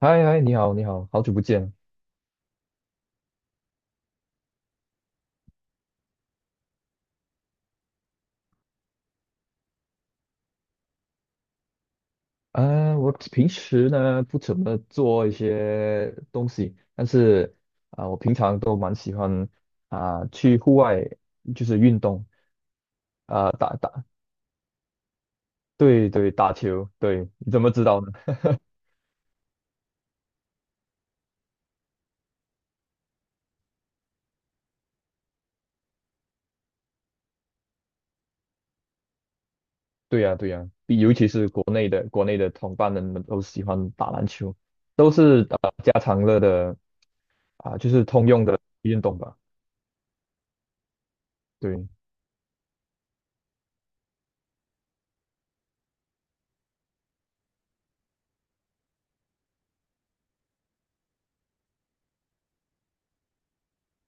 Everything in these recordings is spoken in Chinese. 嗨嗨，你好，你好，好久不见。我平时呢不怎么做一些东西，但是我平常都蛮喜欢去户外，就是运动。啊、打打，对对，打球。对，你怎么知道呢？对呀、对呀、尤其是国内的同伴们都喜欢打篮球，都是家常乐的，就是通用的运动吧。对，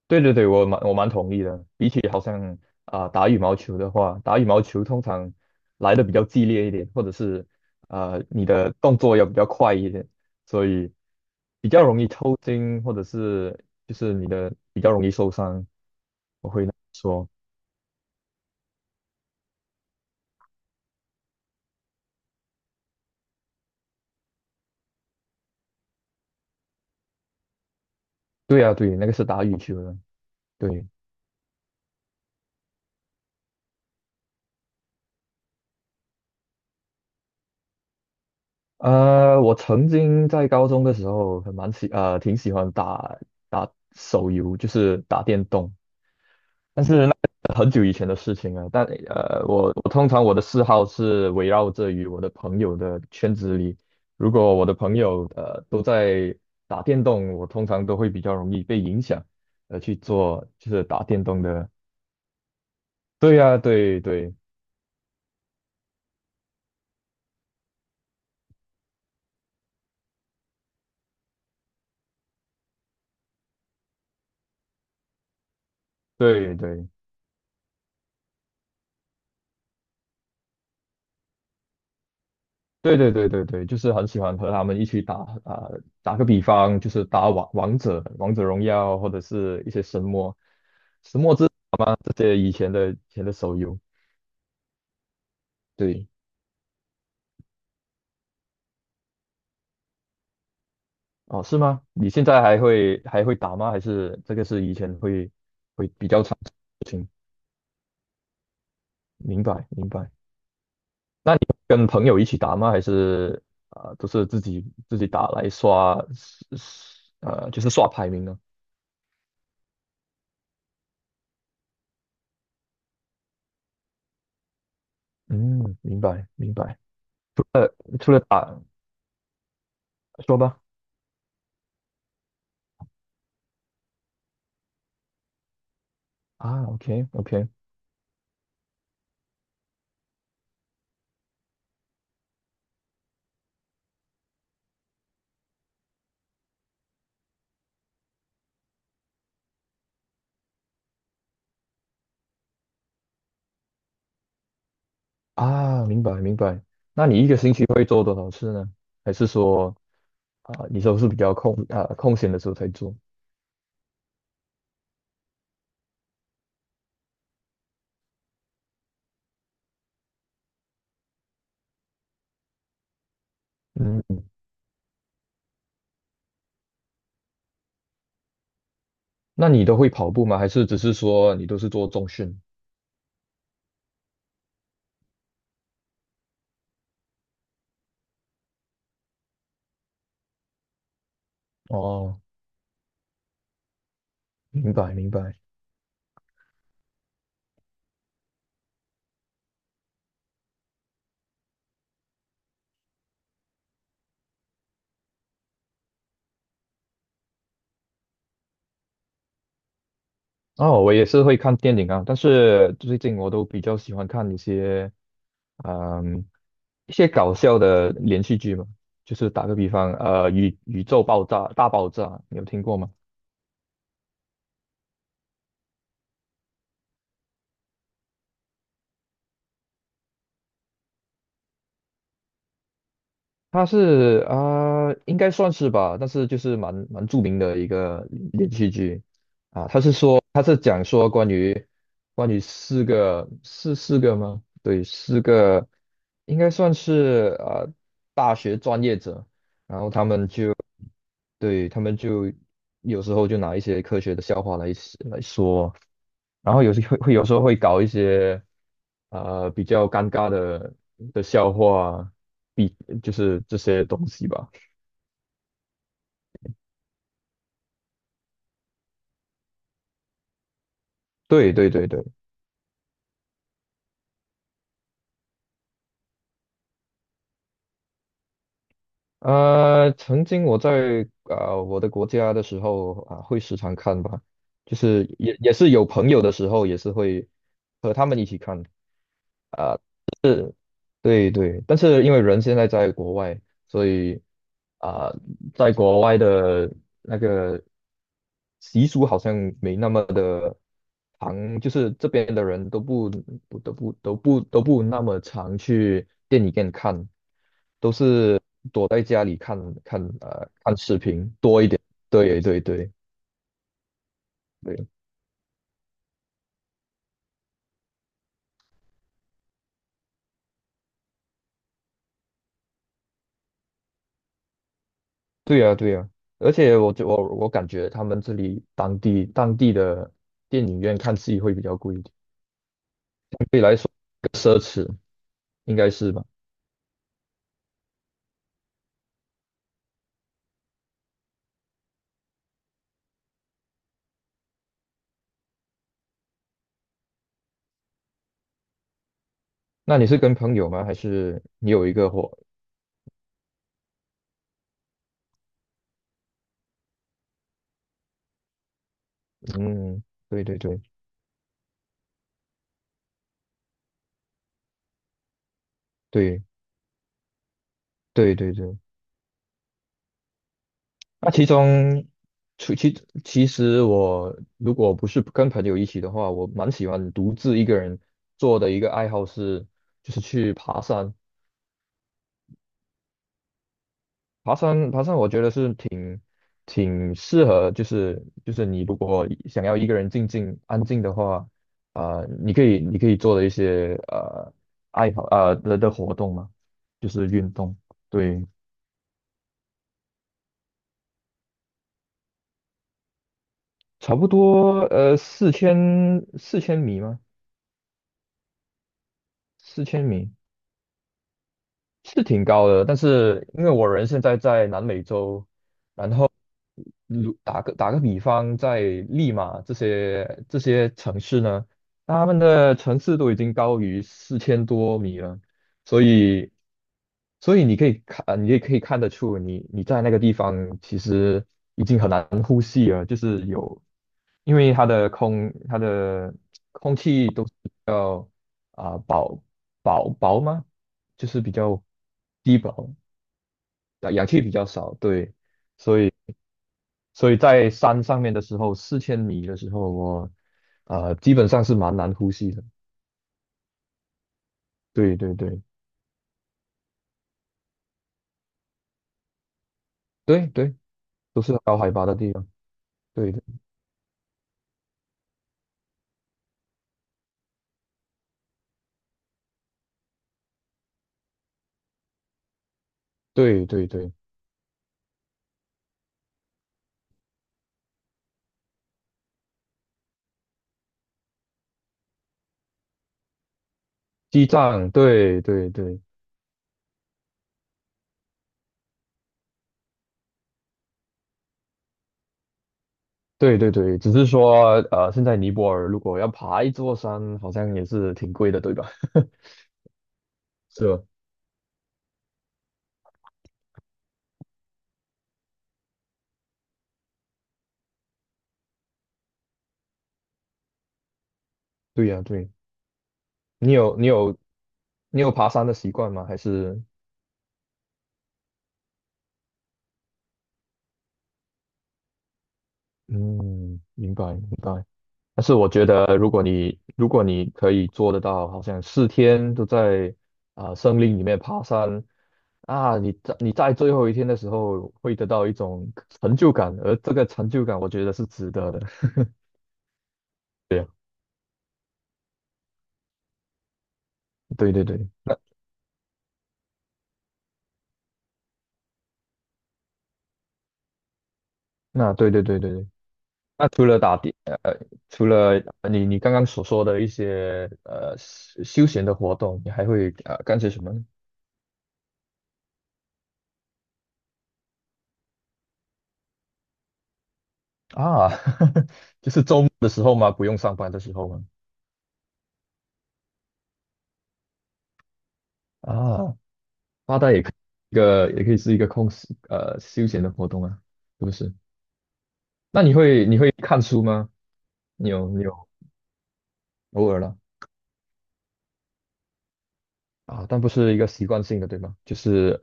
对对对，我蛮同意的。比起好像打羽毛球的话，打羽毛球通常来的比较激烈一点，或者是你的动作要比较快一点，所以比较容易抽筋，或者是就是你的比较容易受伤。我会说，对啊，对，那个是打羽球的。对。我曾经在高中的时候很蛮喜呃挺喜欢打打手游，就是打电动。很久以前的事情了，但我通常我的嗜好是围绕着于我的朋友的圈子里。如果我的朋友都在打电动，我通常都会比较容易被影响，去做就是打电动的。对呀、对对对对对对对对对，就是很喜欢和他们一起打。啊、打个比方，就是打王者、王者荣耀，或者是一些神魔、神魔之塔嘛，这些以前的手游。对。哦，是吗？你现在还会打吗？还是这个是以前会比较常事情？明白明白。那你跟朋友一起打吗？还是都是自己打来刷就是刷排名呢？嗯，明白明白。除了打，说吧。啊，OK OK。 啊，明白明白。那你一个星期会做多少次呢？还是说你都是比较空闲的时候才做？嗯。那你都会跑步吗？还是只是说你都是做重训？哦，明白明白。哦，我也是会看电影啊，但是最近我都比较喜欢看一些，嗯，一些搞笑的连续剧嘛。就是打个比方，宇宙大爆炸，你有听过吗？他是应该算是吧，但是就是蛮著名的一个连续剧啊。他是说，他是讲说关于四个，是四个吗？对，四个，应该算是大学专业者，然后他们就。对，他们就有时候就拿一些科学的笑话来说，然后有时候会搞一些比较尴尬的笑话，比就是这些东西吧。对对对对。曾经我在我的国家的时候会时常看吧，就是也是有朋友的时候，也是会和他们一起看。对对，但是因为人现在在国外，所以啊、在国外的那个习俗好像没那么的常，就是这边的人都不不都不都不都不那么常去电影院看，躲在家里看视频多一点。对对对对，对呀，对呀，而且我感觉他们这里当地的电影院看戏会比较贵一点，对来说奢侈应该是吧？那你是跟朋友吗？还是你有一个伙？嗯，对对对对对对对。那其中，其其其实我如果不是跟朋友一起的话，我蛮喜欢独自一个人做的一个爱好是，就是去爬山。爬山，爬山，我觉得是挺适合，就是你如果想要一个人安静的话，你可以做的一些爱好的活动嘛，就是运动。对，差不多四千米吗？四千米。是挺高的，但是因为我人现在在南美洲，如打个比方，在利马这些城市呢，他们的城市都已经高于4000多米了，所以所以你可以看，你也可以看得出你在那个地方其实有，因为它的空气都是比较啊、薄薄吗？就是比较低薄，氧气比较少。对。所以所以在山上面的时候，四千米的时候，我基本上是蛮难呼吸的。对对对对对，都是高海拔的地方。对对对对对，西藏，对对对对对对，只是说，现在尼泊尔如果要爬一座山，好像也是挺贵的，对吧？是吧？对呀、对，你有你有你有爬山的习惯吗？还是嗯，明白明白。但是我觉得，如果你可以做得到，好像4天都在森林里面爬山啊，你在最后一天的时候会得到一种成就感，而这个成就感我觉得是值得的。对呀，对对对，那那对对对对对。那除了除了你刚刚所说的一些休闲的活动，你还会干些什么呢？啊，就是周末的时候吗？不用上班的时候吗？啊。发呆也一个也可以是一个休闲的活动啊，是不是？那你会看书吗？你有你有偶尔了啊，但不是一个习惯性的，对吧？就是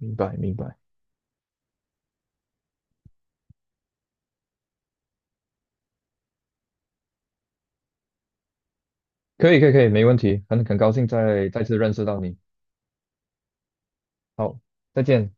明白明白。可以可以可以，没问题，很高兴再次认识到你。好，再见。